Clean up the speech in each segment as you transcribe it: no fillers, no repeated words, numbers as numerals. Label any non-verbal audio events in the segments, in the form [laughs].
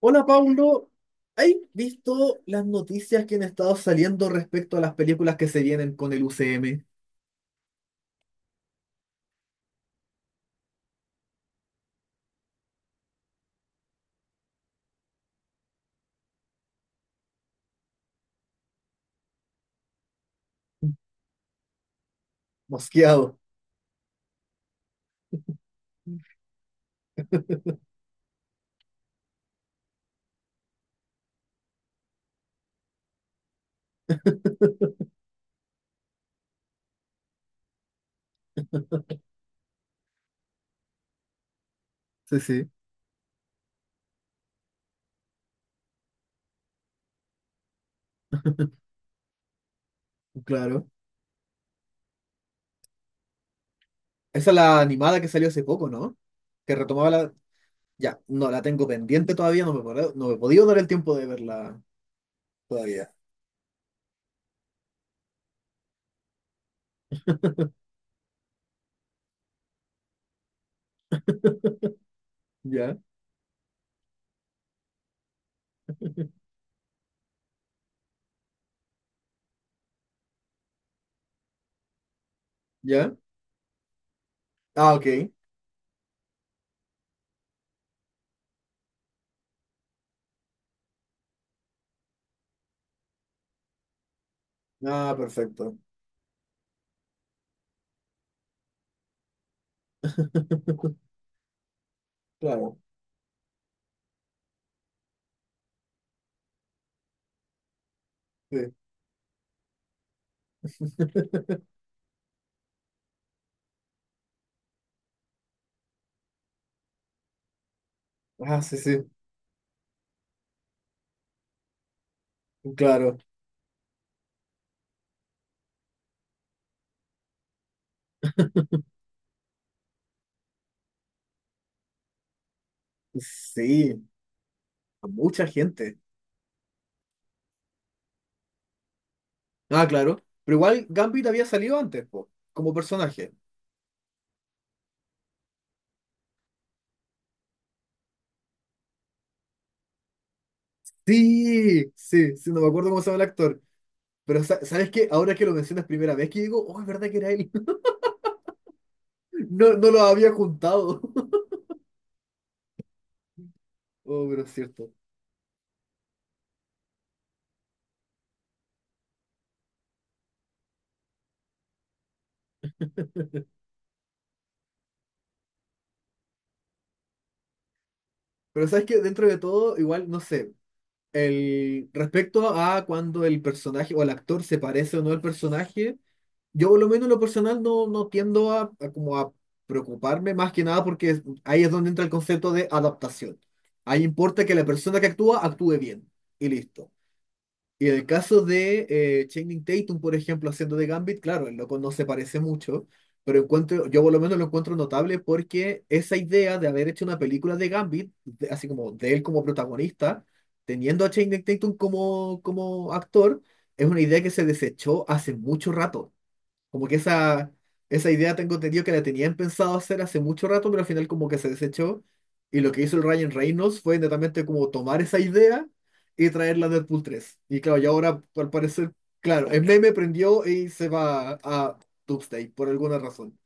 Hola Paulo, ¿has visto las noticias que han estado saliendo respecto a las películas que se vienen con el UCM? Mosqueado. Sí, sí, [laughs] claro. Esa es la animada que salió hace poco, ¿no? Que retomaba la... Ya, no, la tengo pendiente todavía, no me he podido dar el tiempo de verla todavía. ¿Ya? ¿Ya? Ah, ok. Ah, perfecto. [laughs] Claro, sí. Ah, sí, sí, claro. Sí, mucha gente. Ah, claro. Pero igual Gambit había salido antes, po, como personaje. Sí, sí, sí, no me acuerdo cómo se llama el actor. Pero ¿sabes qué? Ahora que lo mencionas primera vez que digo, oh, es verdad que era él. [laughs] No, no lo había juntado. [laughs] Oh, pero es cierto. Pero ¿sabes qué? Dentro de todo, igual, no sé. El, respecto a cuando el personaje o el actor se parece o no al personaje. Yo por lo menos en lo personal no tiendo a como a preocuparme más que nada porque ahí es donde entra el concepto de adaptación. Ahí importa que la persona que actúa actúe bien y listo. Y en el caso de Channing Tatum, por ejemplo, haciendo de Gambit, claro, el loco no se parece mucho, pero encuentro, yo por lo menos lo encuentro notable porque esa idea de haber hecho una película de Gambit, así como de él como protagonista, teniendo a Channing Tatum como, como actor, es una idea que se desechó hace mucho rato. Como que esa idea tengo entendido que la tenían pensado hacer hace mucho rato, pero al final como que se desechó. Y lo que hizo el Ryan Reynolds fue netamente como tomar esa idea y traerla a Deadpool tres. Y claro, y ahora al parecer, claro, el meme prendió y se va a Doomsday por alguna razón.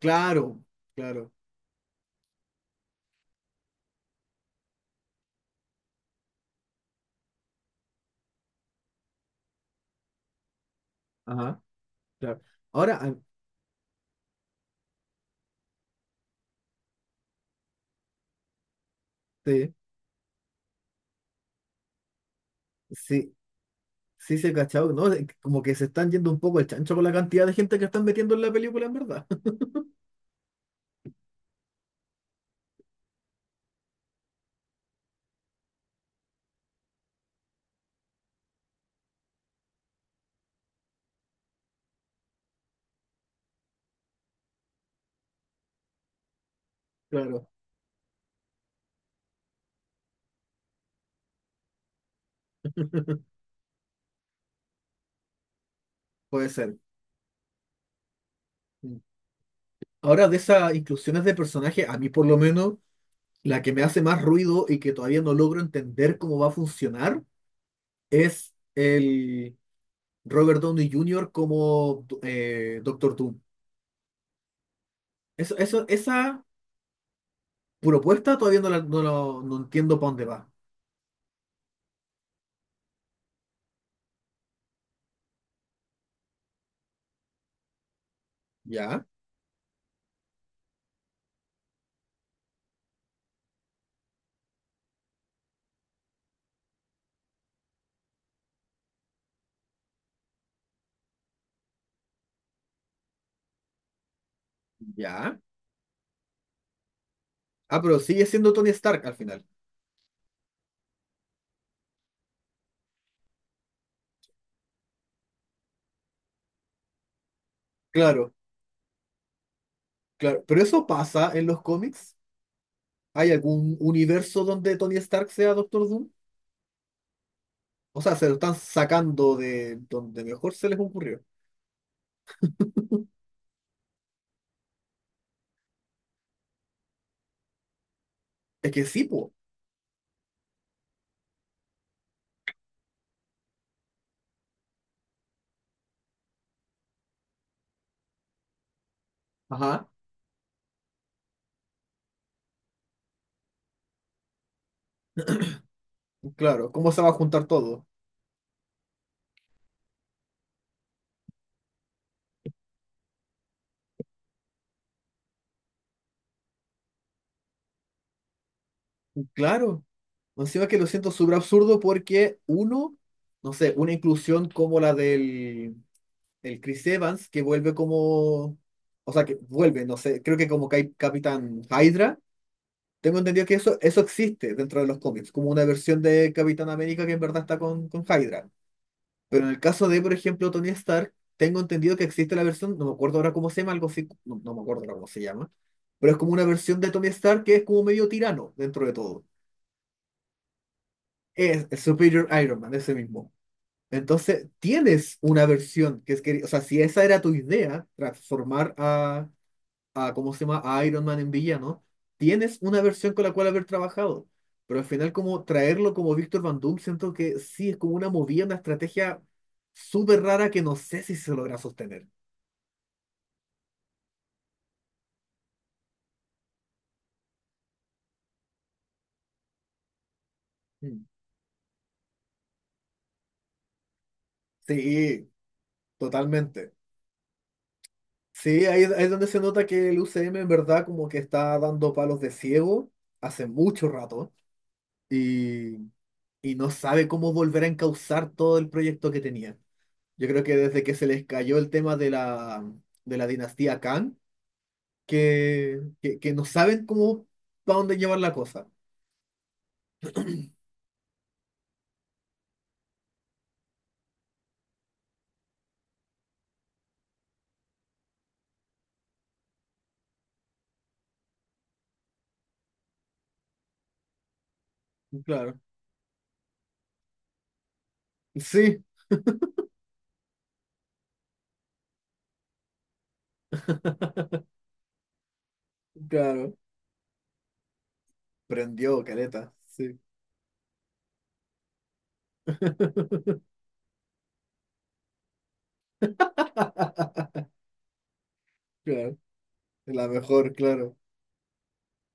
Claro, claro. Ajá, claro. Ahora, sí. Sí, se ha cachado, ¿no? De- Como que se están yendo un poco el chancho con la cantidad de gente que están metiendo en la película, en verdad. [laughs] Claro. Puede ser. Mm. Ahora, de esas inclusiones de personajes, a mí por lo menos, la que me hace más ruido y que todavía no logro entender cómo va a funcionar, es el Robert Downey Júnior como Doctor Doom. Eso, esa propuesta todavía no entiendo para dónde va. Ya, ya. Ah, pero sigue siendo Tony Stark al final. Claro, claro. Pero eso pasa en los cómics. ¿Hay algún universo donde Tony Stark sea Doctor Doom? O sea, se lo están sacando de donde mejor se les ocurrió. Es que sí, po. Ajá. Claro, ¿cómo se va a juntar todo? Claro. Encima que lo siento súper absurdo porque uno, no sé, una inclusión como la del el Chris Evans, que vuelve como, o sea, que vuelve, no sé, creo que como Capitán Hydra, tengo entendido que eso existe dentro de los cómics, como una versión de Capitán América que en verdad está con Hydra. Pero en el caso de, por ejemplo, Tony Stark, tengo entendido que existe la versión, no me acuerdo ahora cómo se llama, algo así, no, no me acuerdo ahora cómo se llama, pero es como una versión de Tony Stark que es como medio tirano dentro de todo. Es el Superior Iron Man, ese mismo. Entonces, tienes una versión que es que, o sea, si esa era tu idea, transformar a ¿cómo se llama?, a Iron Man en villano, tienes una versión con la cual haber trabajado. Pero al final, como traerlo como Víctor Van Doom, siento que sí, es como una movida, una estrategia súper rara que no sé si se logra sostener. Mm. Sí, totalmente. Sí, ahí, ahí es donde se nota que el UCM en verdad como que está dando palos de ciego hace mucho rato y no sabe cómo volver a encauzar todo el proyecto que tenía. Yo creo que desde que se les cayó el tema de la dinastía Khan, que no saben cómo, para dónde llevar la cosa. Claro. Sí, claro. Prendió, caleta. Sí. [laughs] Claro. La mejor, claro.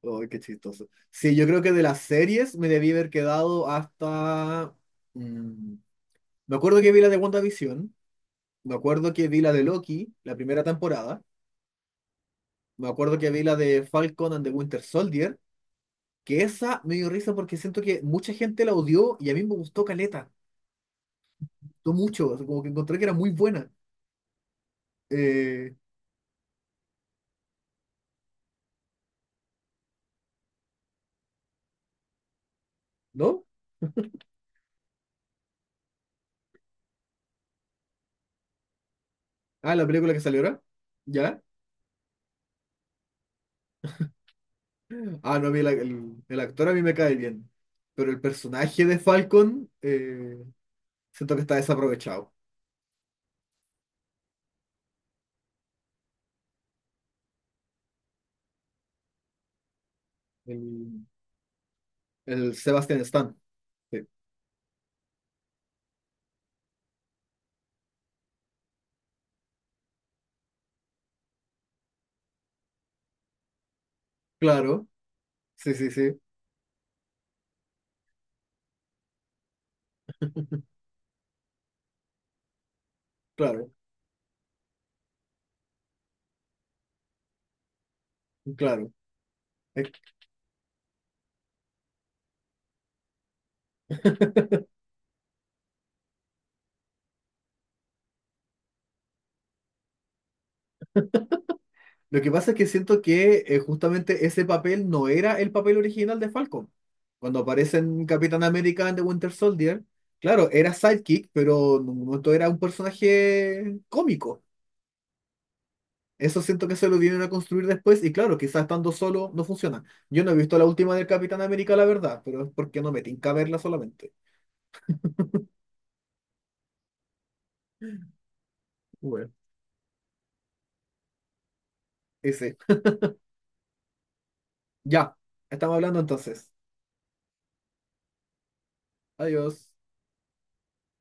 Ay qué chistoso. Sí, yo creo que de las series me debí haber quedado hasta... mm, me acuerdo que vi la de WandaVision. Me acuerdo que vi la de Loki, la primera temporada. Me acuerdo que vi la de Falcon and the Winter Soldier, que esa me dio risa porque siento que mucha gente la odió y a mí me gustó caleta. Me gustó mucho, o sea, como que encontré que era muy buena. Eh, ¿No? Ah, la película que salió ahora. ¿Ya? Ah, no, a mí el actor a mí me cae bien. Pero el personaje de Falcon, siento que está desaprovechado. El, el Sebastian Stan. Sí. Claro, sí, sí, sí, claro, claro. Lo que pasa es que siento que justamente ese papel no era el papel original de Falcon. Cuando aparece en Capitán América and the Winter Soldier, claro, era sidekick, pero en un momento era un personaje cómico. Eso siento que se lo vinieron a construir después y claro, quizás estando solo no funciona. Yo no he visto la última del Capitán América, la verdad, pero es porque no me tinca verla solamente. Bueno, ese. Ya, estamos hablando entonces. Adiós.